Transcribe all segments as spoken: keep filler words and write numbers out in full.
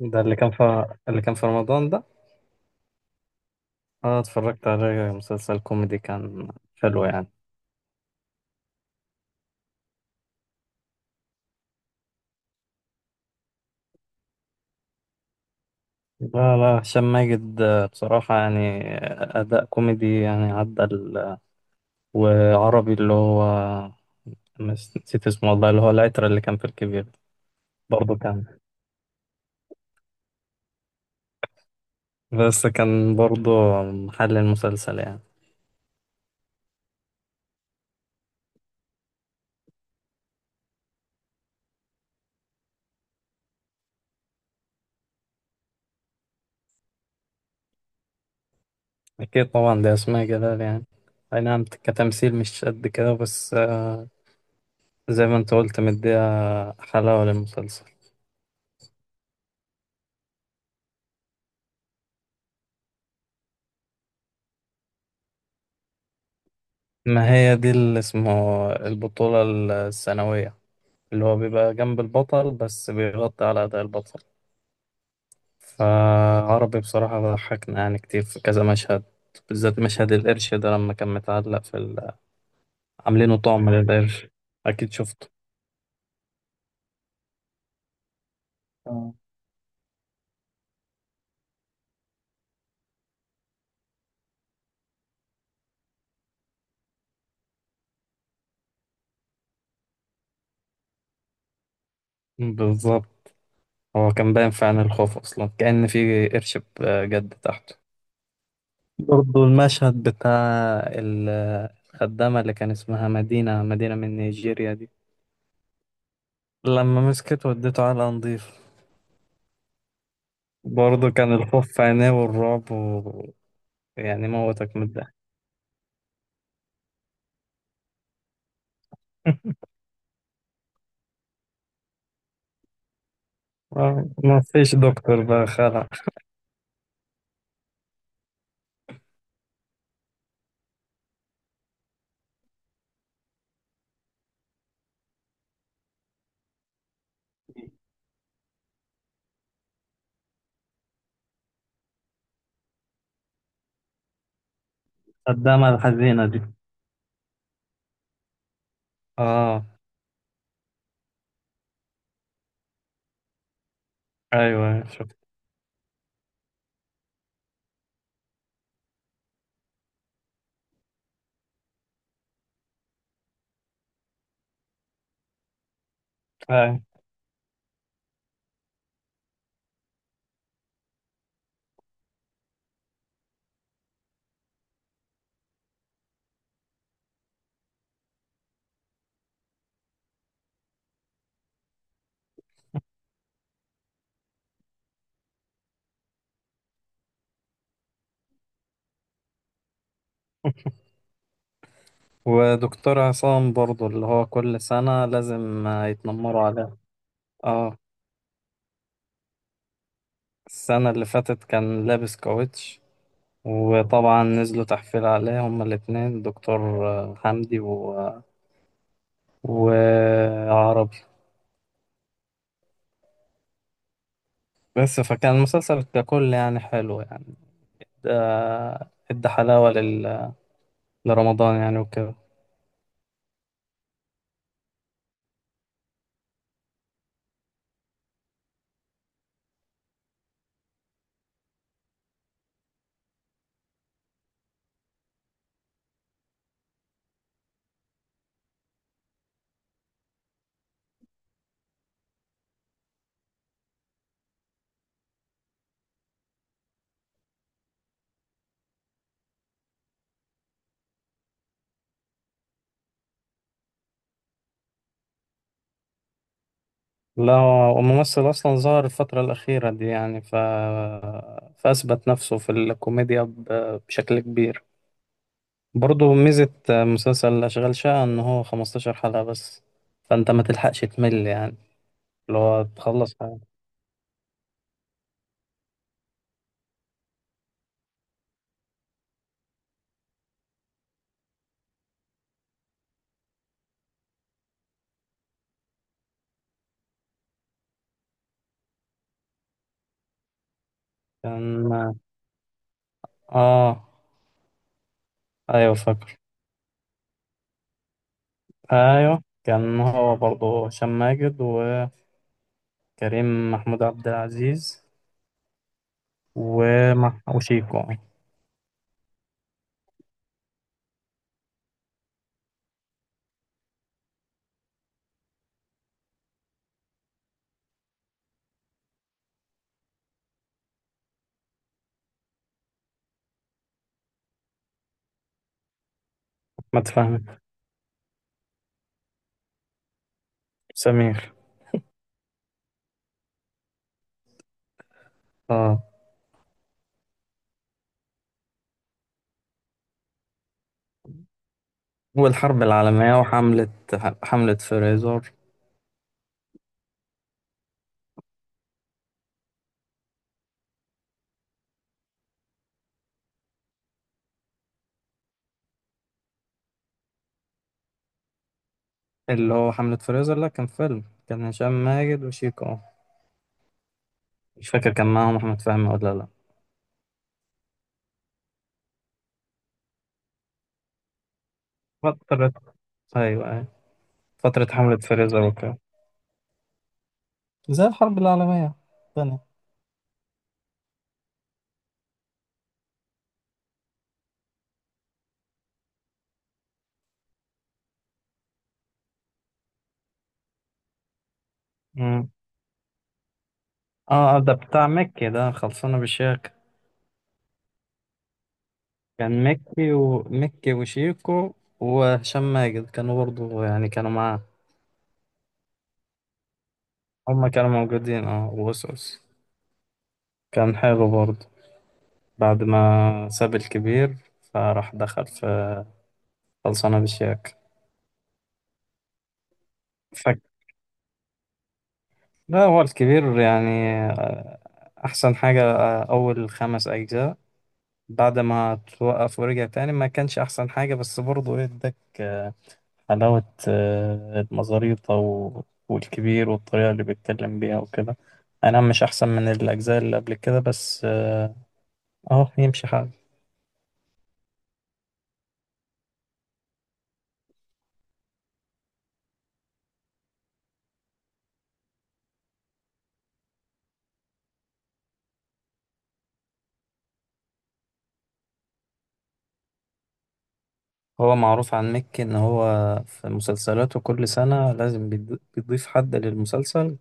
ده اللي كان في اللي كان في رمضان ده. اه، اتفرجت عليه. مسلسل كوميدي كان حلو يعني. لا لا، هشام ماجد، آه، بصراحة يعني آه، أداء كوميدي يعني عدى ال... وعربي، اللي هو مس- نسيت اسمه والله، اللي هو العترة اللي كان في الكبير. برضه كان بس كان برضه محل المسلسل يعني. أكيد طبعا، ده أسماء جلال يعني. أي نعم، كتمثيل مش قد كده، بس آه، زي ما أنت قلت مديها حلاوة للمسلسل. ما هي دي اللي اسمه البطولة السنوية، اللي هو بيبقى جنب البطل بس بيغطي على أداء البطل. فعربي بصراحة ضحكنا يعني كتير في كذا مشهد، بالذات مشهد القرش ده لما كان متعلق في ال... عاملينه طعم للقرش. أكيد شفته. آه. بالظبط. هو كان باين في عين الخوف أصلا، كأن في قرش بجد تحته. برضه المشهد بتاع ال- الخدامة اللي كان اسمها مدينة مدينة من نيجيريا دي، لما مسكت وديته على نضيف. برضه كان الخوف في عينيه والرعب و... يعني موتك من الضحك. آه، ما فيش دكتور بقى خلع قدامها، الحزينة دي. اه، ايوه شفت، ايوه. ودكتور عصام برضه، اللي هو كل سنة لازم آه، يتنمروا عليه. اه. السنة اللي فاتت كان لابس كاوتش، وطبعا نزلوا تحفيل عليه هما الاتنين، دكتور آه، حمدي و... وعربي. بس فكان المسلسل ككل يعني حلو يعني. ده ادى حلاوة لل... لرمضان يعني وكده. لا، هو الممثل أصلا ظهر الفترة الأخيرة دي يعني ف... فأثبت نفسه في الكوميديا ب... بشكل كبير. برضه ميزة مسلسل أشغال شقة إن هو خمس عشرة حلقة بس، فأنت ما تلحقش تمل يعني، اللي هو تخلص حاجة. كان. آه. أيوه فاكر. أيوه. كان هو برضه هشام ماجد وكريم، محمود عبد العزيز، ومع وشيكو، أحمد فهمي، سمير. اه. والحرب العالمية، وحملة، حملة فريزر. اللي هو حملة فريزر، لا كان فيلم، كان هشام ماجد وشيكو. آه. مش فاكر كان معاهم أحمد فهمي ولا لا. فترة. أيوة أيوة. فترة حملة فريزر وكده، زي الحرب العالمية الثانية. مم. اه، ده بتاع مكي ده، خلصانة بالشيخ. كان مكي ومكي وشيكو وهشام ماجد كانوا برضو يعني كانوا معاه. هما كانوا موجودين، اه، وأوس أوس. كان حلو برضه بعد ما ساب الكبير، فراح دخل في خلصانة بشياك. فك، لا هو الكبير يعني آه، أحسن حاجة آه، أول خمس أجزاء. بعد ما توقف ورجع تاني، ما كانش أحسن حاجة، بس برضه ادك آه، حلاوة آه، المزاريطة و- والكبير، والطريقة اللي بيتكلم بيها وكده. أنا مش أحسن من الأجزاء اللي قبل كده، بس آه، أهو يمشي حال. هو معروف عن مكي ان هو في مسلسلاته كل سنة لازم بيض- بيضيف حد للمسلسل،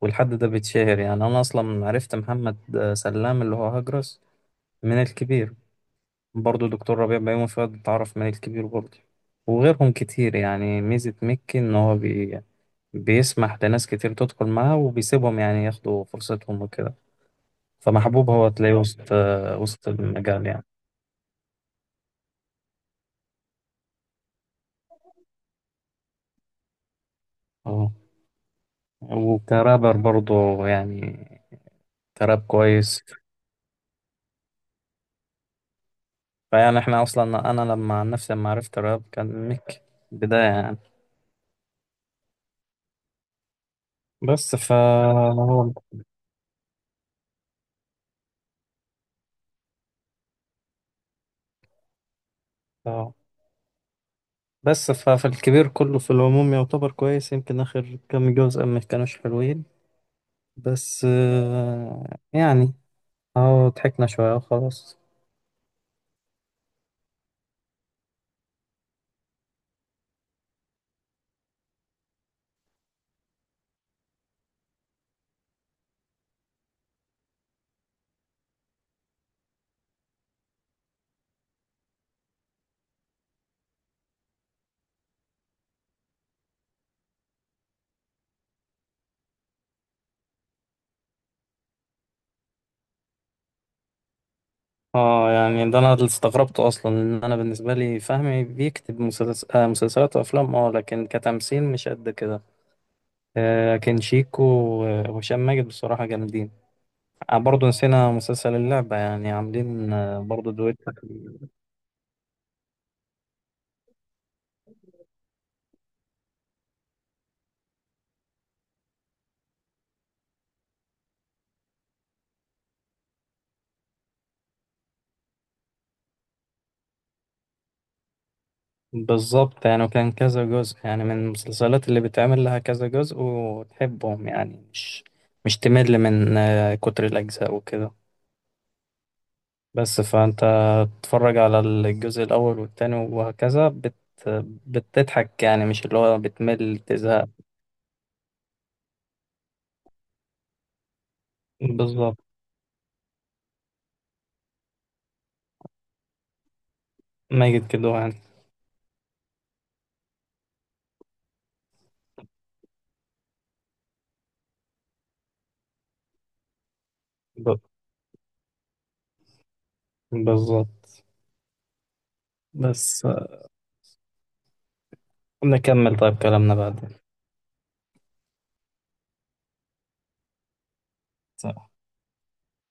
والحد ده بيتشهر. يعني انا اصلا عرفت محمد سلام، اللي هو هجرس، من الكبير. برضه دكتور ربيع، بيومي فؤاد، اتعرف من الكبير برضه، وغيرهم كتير. يعني ميزة مكي ان هو بي... بيسمح لناس كتير تدخل معاه، وبيسيبهم يعني ياخدوا فرصتهم وكده. فمحبوب، هو تلاقيه وسط وسط المجال يعني. اه، وكرابر برضه يعني، كراب كويس. فيعني احنا اصلا، انا لما عن نفسي لما عرفت الراب كان ميك بداية يعني، بس ف هو اه. بس ففي الكبير كله في العموم يعتبر كويس، يمكن اخر كام جزء ما كانوش حلوين بس آه، يعني اه، ضحكنا شوية وخلاص. اه يعني، ده انا اللي استغربته اصلا، ان انا بالنسبة لي فهمي بيكتب مسلس- آه، مسلسلات وافلام. اه لكن كتمثيل مش قد كده. آه، لكن شيكو و- وهشام ماجد بصراحة جامدين. آه، برضه نسينا مسلسل اللعبة، يعني عاملين آه، برضه دويت. بالظبط يعني، وكان كذا جزء يعني، من المسلسلات اللي بتعمل لها كذا جزء وتحبهم، يعني مش مش تمل من آه، كتر الأجزاء وكده. بس فأنت تتفرج على الجزء الأول والتاني وهكذا بت بتضحك يعني، مش اللي هو بتمل تزهق. بالظبط. ماجد كده يعني. ب- بالظبط. بس آه، نكمل طيب كلامنا بعدين.